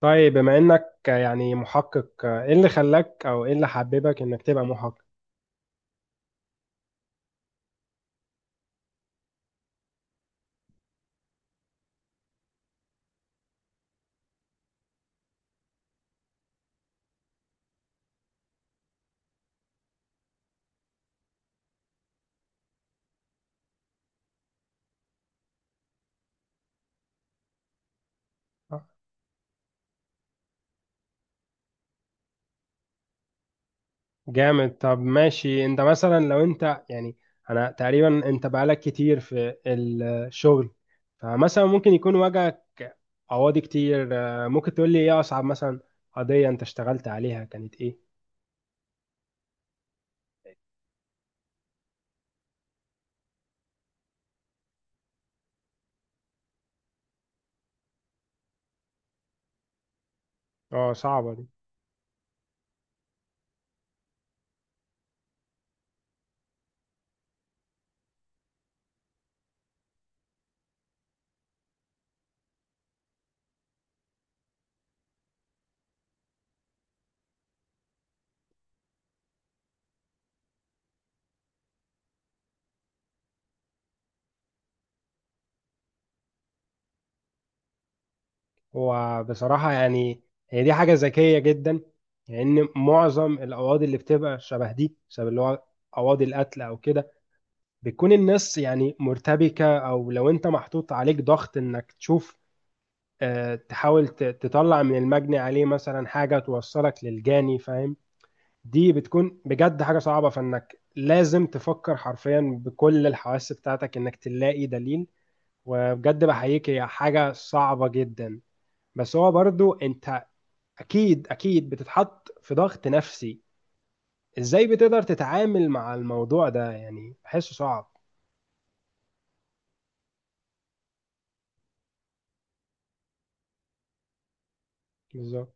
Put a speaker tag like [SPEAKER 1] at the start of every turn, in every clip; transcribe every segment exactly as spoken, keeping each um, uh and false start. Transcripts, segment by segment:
[SPEAKER 1] طيب، بما انك يعني محقق، ايه اللي خلاك او ايه اللي حببك انك تبقى محقق؟ جامد. طب ماشي. انت مثلا لو انت يعني انا تقريبا انت بقالك كتير في الشغل، فمثلا ممكن يكون واجهك قواضي كتير. آه، ممكن تقول لي ايه اصعب مثلا قضية انت اشتغلت عليها؟ كانت ايه؟ اه، صعبة دي. وبصراحة يعني هي دي حاجة ذكية جدا، لان معظم القواضي اللي بتبقى شبه دي، شبه اللي هو قواضي القتل او كده، بتكون الناس يعني مرتبكة، أو لو أنت محطوط عليك ضغط إنك تشوف، آه، تحاول ت- تطلع من المجني عليه مثلا حاجة توصلك للجاني، فاهم؟ دي بتكون بجد حاجة صعبة، فإنك لازم تفكر حرفيا بكل الحواس بتاعتك إنك تلاقي دليل. وبجد بحييك، هي حاجة صعبة جدا. بس هو برضو أنت أكيد أكيد بتتحط في ضغط نفسي، إزاي بتقدر تتعامل مع الموضوع ده؟ يعني بحسه صعب. بالظبط.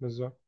[SPEAKER 1] بالظبط.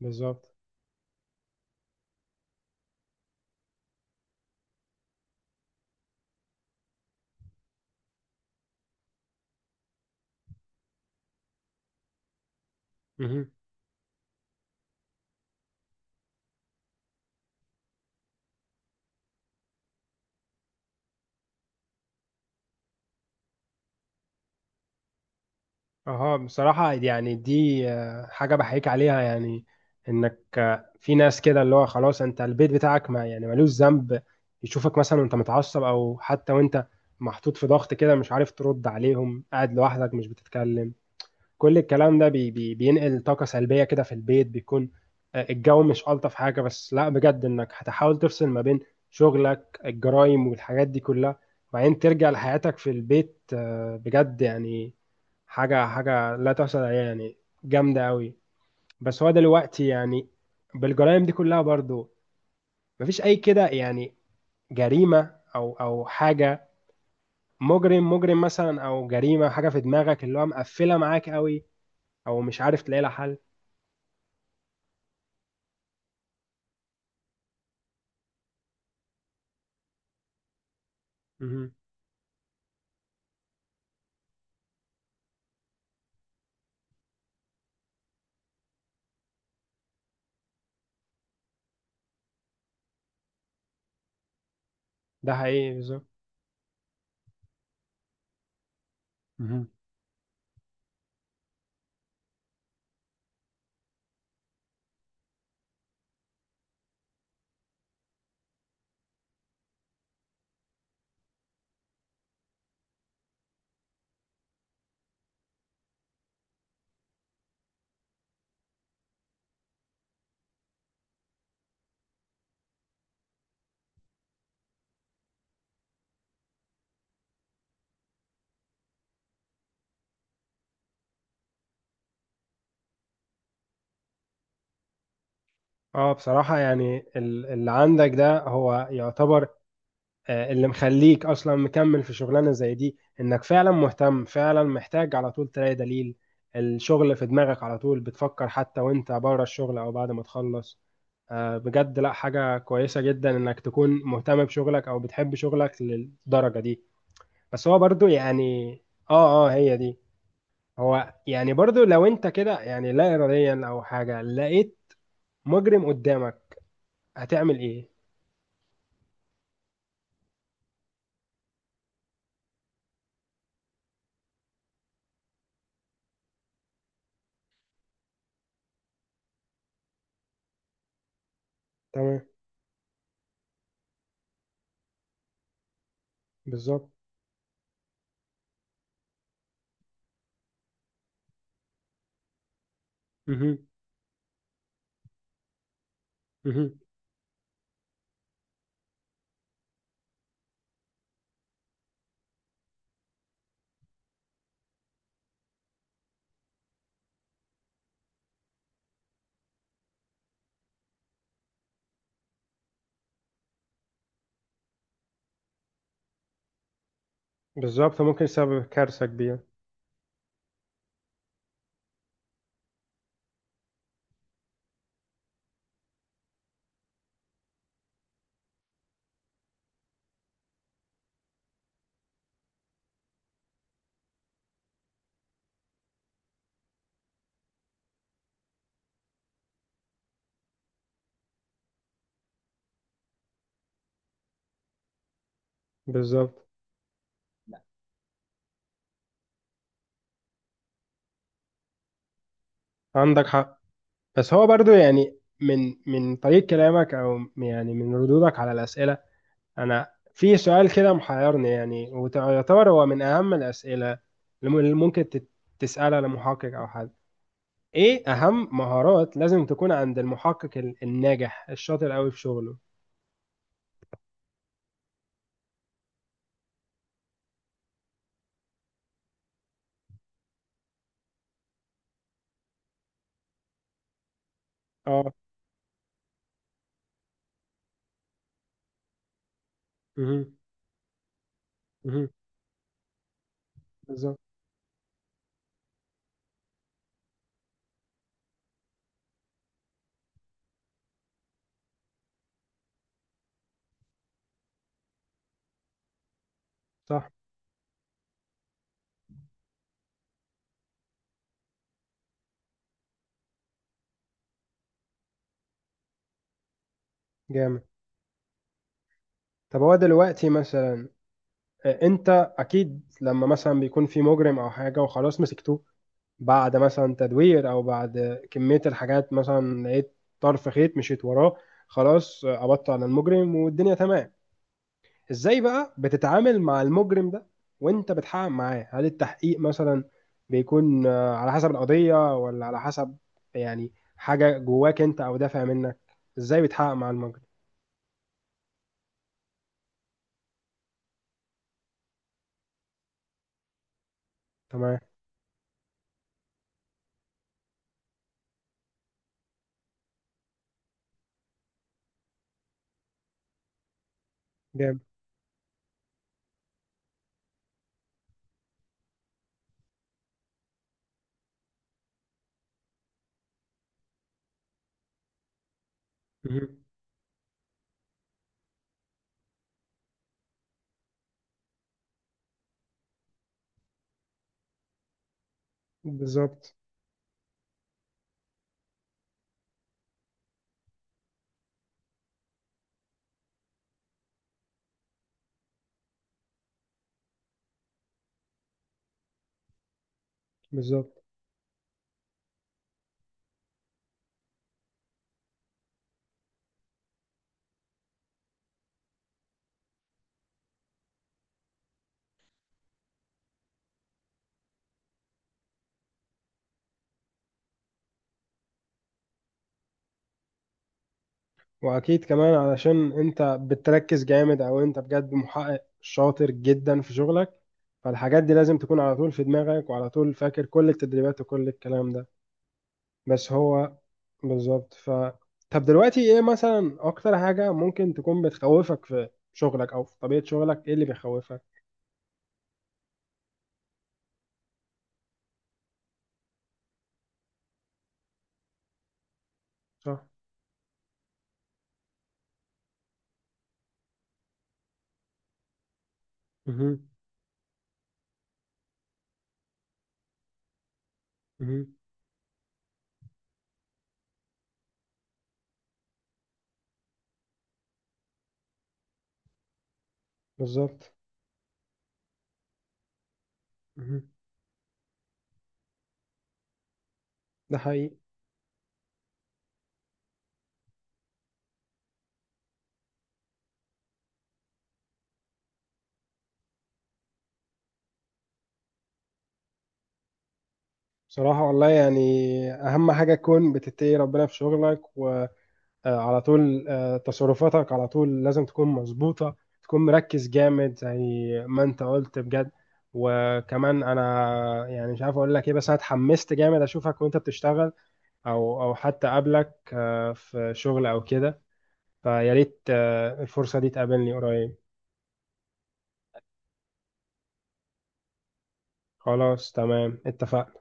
[SPEAKER 1] بالظبط. مهم. اها، بصراحة يعني دي آه، حاجة بحييك عليها. يعني انك آه، في ناس كده اللي هو خلاص انت البيت بتاعك ما يعني ملوش ذنب، يشوفك مثلا وانت متعصب، او حتى وانت محطوط في ضغط كده، مش عارف ترد عليهم، قاعد لوحدك مش بتتكلم. كل الكلام ده بي بي بينقل طاقة سلبية كده في البيت. بيكون آه، الجو مش ألطف حاجة. بس لا، بجد إنك هتحاول تفصل ما بين شغلك، الجرايم والحاجات دي كلها، وبعدين ترجع لحياتك في البيت، آه، بجد يعني حاجة حاجة لا تحصل عليها يعني. جامدة أوي. بس هو دلوقتي يعني بالجرائم دي كلها برضو، مفيش أي كده يعني جريمة أو أو حاجة، مجرم مجرم مثلا أو جريمة، حاجة في دماغك اللي هو مقفلة معاك أوي، أو مش عارف تلاقي لها حل؟ مهم. ده حقيقي. بالظبط. مهم. اه، بصراحة يعني ال- اللي عندك ده هو يعتبر آه، اللي مخليك أصلا مكمل في شغلانة زي دي، إنك فعلا مهتم، فعلا محتاج على طول تلاقي دليل. الشغل في دماغك على طول، بتفكر حتى وانت بره الشغل أو بعد ما تخلص، آه، بجد لا، حاجة كويسة جدا إنك تكون مهتم بشغلك أو بتحب شغلك للدرجة دي. بس هو برضو يعني… اه اه، هي دي. هو يعني برضو لو انت كده يعني لا إراديا أو حاجة لقيت مجرم قدامك، هتعمل ايه؟ تمام. بالظبط. مهم. مهم. بالظبط، ممكن يسبب كارثة كبيرة. بالظبط. عندك حق. بس هو برضو يعني من من طريق كلامك او يعني من ردودك على الأسئلة، انا في سؤال كده محيرني، يعني ويعتبر هو من اهم الأسئلة اللي ممكن تت- تسألها لمحقق او حد. ايه اهم مهارات لازم تكون عند المحقق ال- الناجح الشاطر قوي في شغله؟ اه. مهم. مهم. بالظبط. صح. جامد. طب هو دلوقتي مثلا، آه، انت اكيد لما مثلا بيكون في مجرم او حاجه وخلاص مسكتوه، بعد مثلا تدوير او بعد كميه الحاجات، مثلا لقيت طرف خيط مشيت وراه، خلاص آه، قبضت على المجرم والدنيا تمام، ازاي بقى بتتعامل مع المجرم ده وانت بتحقق معاه؟ هل التحقيق مثلا بيكون آه، على حسب القضيه؟ ولا على حسب يعني حاجه جواك انت او دافع منك؟ ازاي بتحقق مع المجرم؟ تمام. جامد. مهم. بالظبط. بالظبط. واكيد كمان علشان انت بتركز جامد، او انت بجد محقق شاطر جدا في شغلك، فالحاجات دي لازم تكون على طول في دماغك، وعلى طول فاكر كل التدريبات وكل الكلام ده. بس هو بالظبط، ف… طب دلوقتي ايه مثلا اكتر حاجة ممكن تكون بتخوفك في شغلك او في طبيعة شغلك، ايه اللي بيخوفك؟ صح. مهم. مهم. بالظبط. مهم. ده حقيقي. بصراحة والله يعني أهم حاجة تكون بتتقي ربنا في شغلك و آه، على طول آه، تصرفاتك على طول لازم تكون مظبوطة، تكون مركز جامد زي ما انت قلت، بجد. وكمان انا يعني مش عارف اقول لك ايه، بس انا اتحمست جامد اشوفك وانت بتشتغل، او او حتى اقابلك آه، في شغل او كده، فيا ريت آه، الفرصة دي تقابلني قريب. خلاص تمام، اتفقنا.